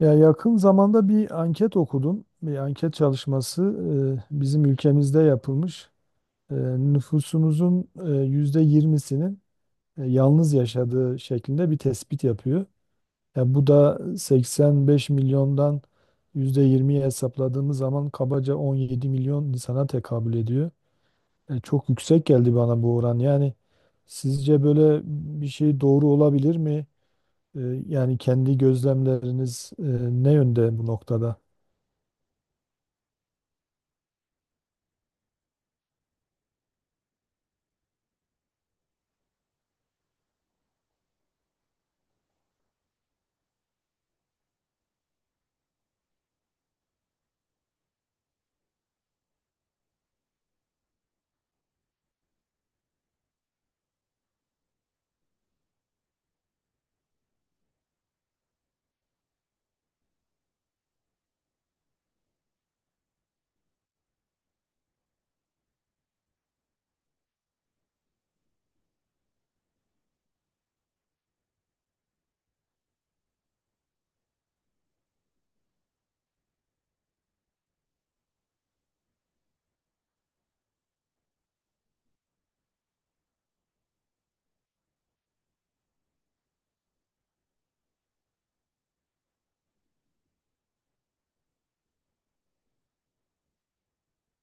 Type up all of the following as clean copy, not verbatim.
Ya yakın zamanda bir anket okudum. Bir anket çalışması bizim ülkemizde yapılmış. E, Nüfusumuzun %20'sinin yalnız yaşadığı şeklinde bir tespit yapıyor. Ya bu da 85 milyondan %20'yi hesapladığımız zaman kabaca 17 milyon insana tekabül ediyor. Çok yüksek geldi bana bu oran. Yani sizce böyle bir şey doğru olabilir mi? E, Yani kendi gözlemleriniz ne yönde bu noktada?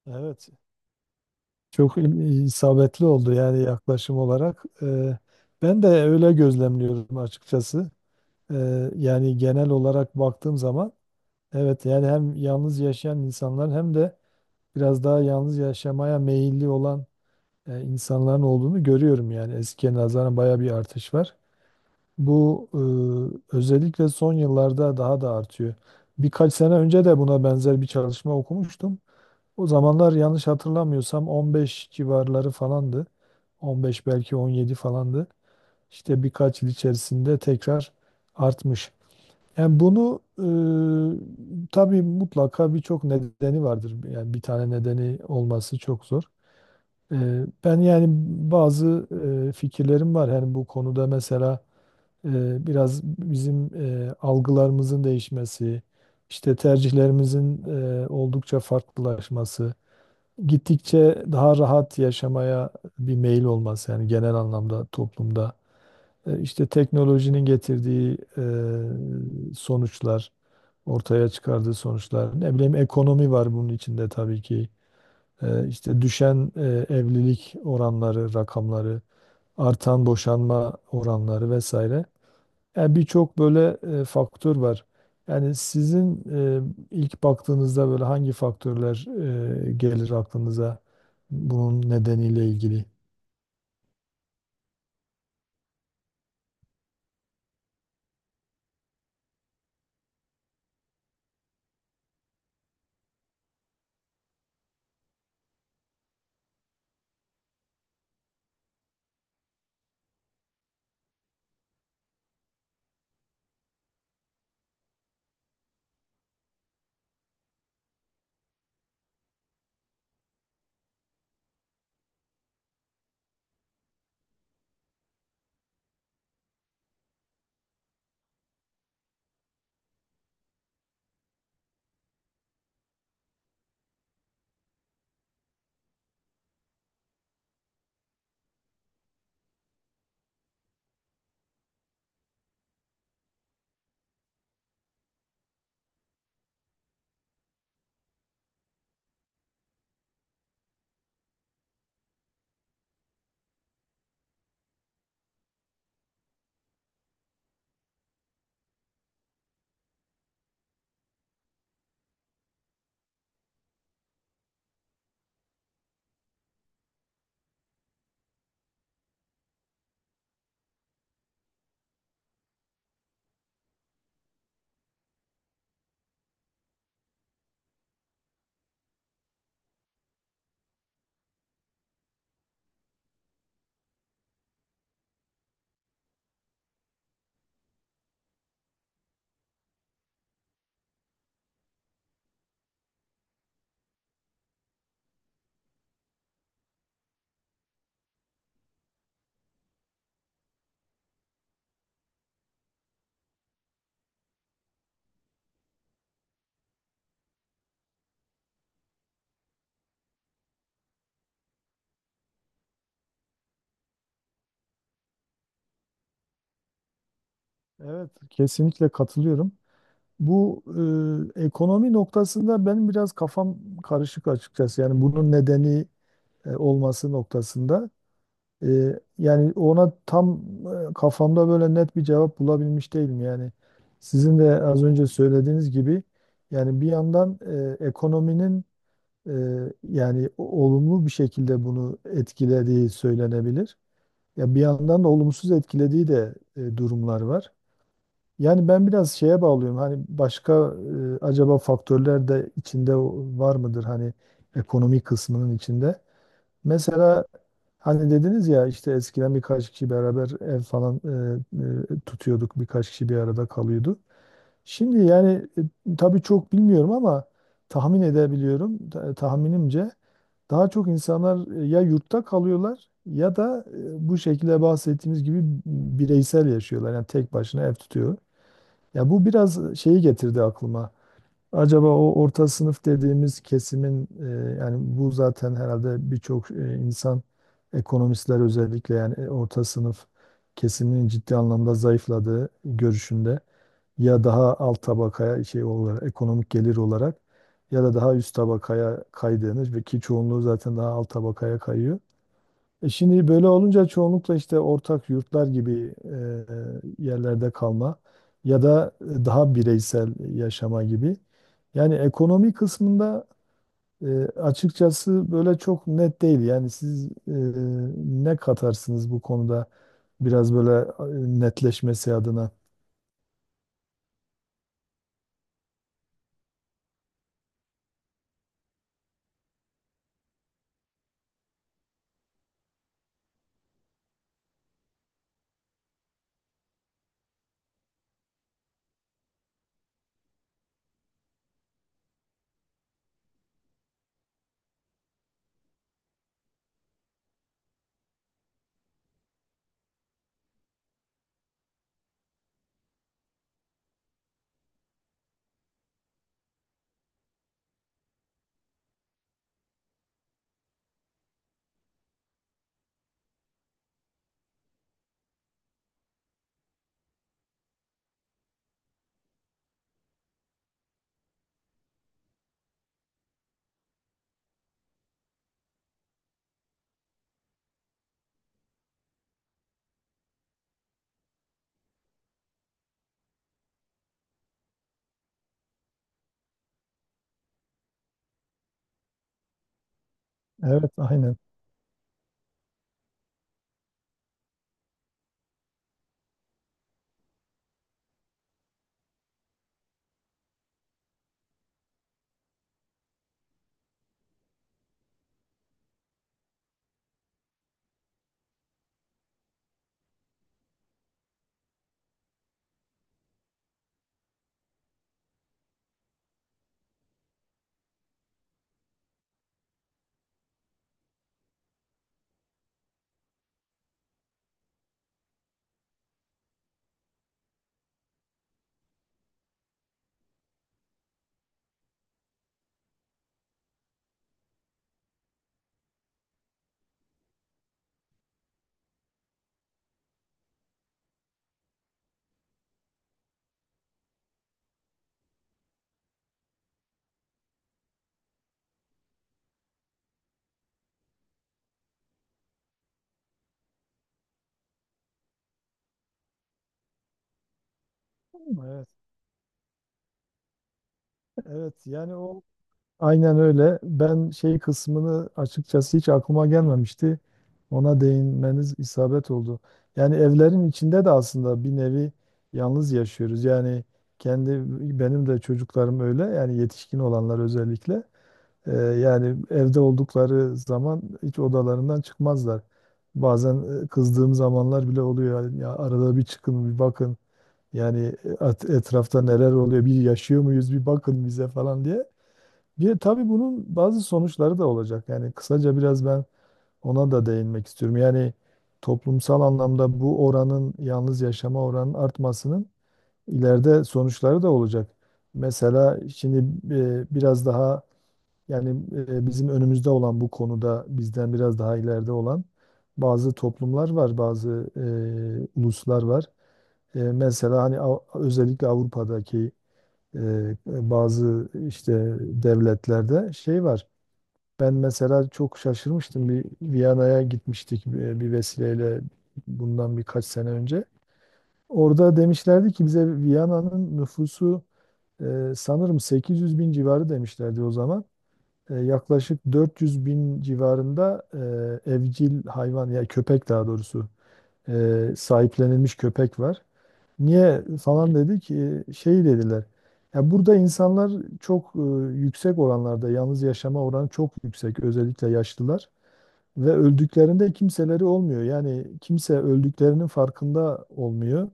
Evet, çok isabetli oldu yani yaklaşım olarak. Ben de öyle gözlemliyorum açıkçası. Yani genel olarak baktığım zaman, evet yani hem yalnız yaşayan insanlar hem de biraz daha yalnız yaşamaya meyilli olan insanların olduğunu görüyorum yani eskiye nazaran baya bir artış var. Bu özellikle son yıllarda daha da artıyor. Birkaç sene önce de buna benzer bir çalışma okumuştum. O zamanlar yanlış hatırlamıyorsam 15 civarları falandı. 15 belki 17 falandı. İşte birkaç yıl içerisinde tekrar artmış. Yani bunu tabii mutlaka birçok nedeni vardır. Yani bir tane nedeni olması çok zor. E, Ben yani bazı fikirlerim var. Yani bu konuda mesela biraz bizim algılarımızın değişmesi, işte tercihlerimizin oldukça farklılaşması, gittikçe daha rahat yaşamaya bir meyil olması, yani genel anlamda toplumda. İşte teknolojinin getirdiği sonuçlar, ortaya çıkardığı sonuçlar, ne bileyim, ekonomi var bunun içinde tabii ki. İşte düşen evlilik oranları rakamları, artan boşanma oranları vesaire, yani birçok böyle faktör var. Yani sizin ilk baktığınızda böyle hangi faktörler gelir aklınıza bunun nedeniyle ilgili? Evet, kesinlikle katılıyorum. Bu ekonomi noktasında benim biraz kafam karışık açıkçası. Yani bunun nedeni olması noktasında. Yani ona tam kafamda böyle net bir cevap bulabilmiş değilim yani. Sizin de az önce söylediğiniz gibi, yani bir yandan ekonominin e, yani olumlu bir şekilde bunu etkilediği söylenebilir. Ya bir yandan da olumsuz etkilediği de durumlar var. Yani ben biraz şeye bağlıyorum. Hani başka acaba faktörler de içinde var mıdır, hani ekonomi kısmının içinde? Mesela, hani dediniz ya işte eskiden birkaç kişi beraber ev falan tutuyorduk. Birkaç kişi bir arada kalıyordu. Şimdi yani tabii çok bilmiyorum ama tahmin edebiliyorum. Tahminimce daha çok insanlar ya yurtta kalıyorlar ya da bu şekilde bahsettiğimiz gibi bireysel yaşıyorlar. Yani tek başına ev tutuyor. Ya bu biraz şeyi getirdi aklıma. Acaba o orta sınıf dediğimiz kesimin yani bu zaten herhalde birçok insan, ekonomistler özellikle, yani orta sınıf kesiminin ciddi anlamda zayıfladığı görüşünde, ya daha alt tabakaya şey olarak, ekonomik gelir olarak, ya da daha üst tabakaya kaydığını, ve ki çoğunluğu zaten daha alt tabakaya kayıyor. Şimdi böyle olunca çoğunlukla işte ortak yurtlar gibi yerlerde kalma, ya da daha bireysel yaşama gibi. Yani ekonomi kısmında açıkçası böyle çok net değil. Yani siz ne katarsınız bu konuda biraz böyle netleşmesi adına? Evet, aynen. Evet, evet. Yani o. Aynen öyle. Ben şey kısmını açıkçası hiç aklıma gelmemişti. Ona değinmeniz isabet oldu. Yani evlerin içinde de aslında bir nevi yalnız yaşıyoruz. Yani kendi, benim de çocuklarım öyle. Yani yetişkin olanlar özellikle. Yani evde oldukları zaman hiç odalarından çıkmazlar. Bazen kızdığım zamanlar bile oluyor. Yani, ya arada bir çıkın, bir bakın. Yani etrafta neler oluyor, bir yaşıyor muyuz, bir bakın bize falan diye. Bir de tabii bunun bazı sonuçları da olacak. Yani kısaca biraz ben ona da değinmek istiyorum. Yani toplumsal anlamda bu oranın, yalnız yaşama oranının artmasının ileride sonuçları da olacak. Mesela şimdi biraz daha, yani bizim önümüzde olan bu konuda bizden biraz daha ileride olan bazı toplumlar var, bazı uluslar var. Mesela hani özellikle Avrupa'daki e, bazı işte devletlerde şey var. Ben mesela çok şaşırmıştım. Bir Viyana'ya gitmiştik bir vesileyle bundan birkaç sene önce. Orada demişlerdi ki bize Viyana'nın nüfusu sanırım 800 bin civarı demişlerdi o zaman. Yaklaşık 400 bin civarında evcil hayvan, ya köpek daha doğrusu, sahiplenilmiş köpek var. Niye falan dedi ki şey dediler. Ya burada insanlar çok yüksek oranlarda, yalnız yaşama oranı çok yüksek, özellikle yaşlılar. Ve öldüklerinde kimseleri olmuyor. Yani kimse öldüklerinin farkında olmuyor.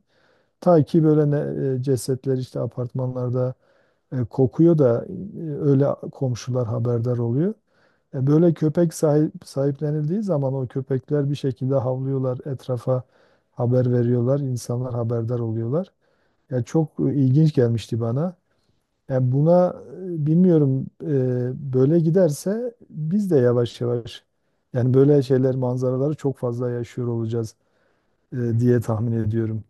Ta ki böyle ne, cesetler işte apartmanlarda kokuyor da öyle komşular haberdar oluyor. Böyle köpek sahiplenildiği zaman o köpekler bir şekilde havlıyorlar, etrafa haber veriyorlar, insanlar haberdar oluyorlar. Ya çok ilginç gelmişti bana. Yani buna bilmiyorum, böyle giderse biz de yavaş yavaş yani böyle şeyler, manzaraları çok fazla yaşıyor olacağız diye tahmin ediyorum.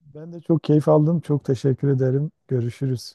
Ben de çok keyif aldım. Çok teşekkür ederim. Görüşürüz.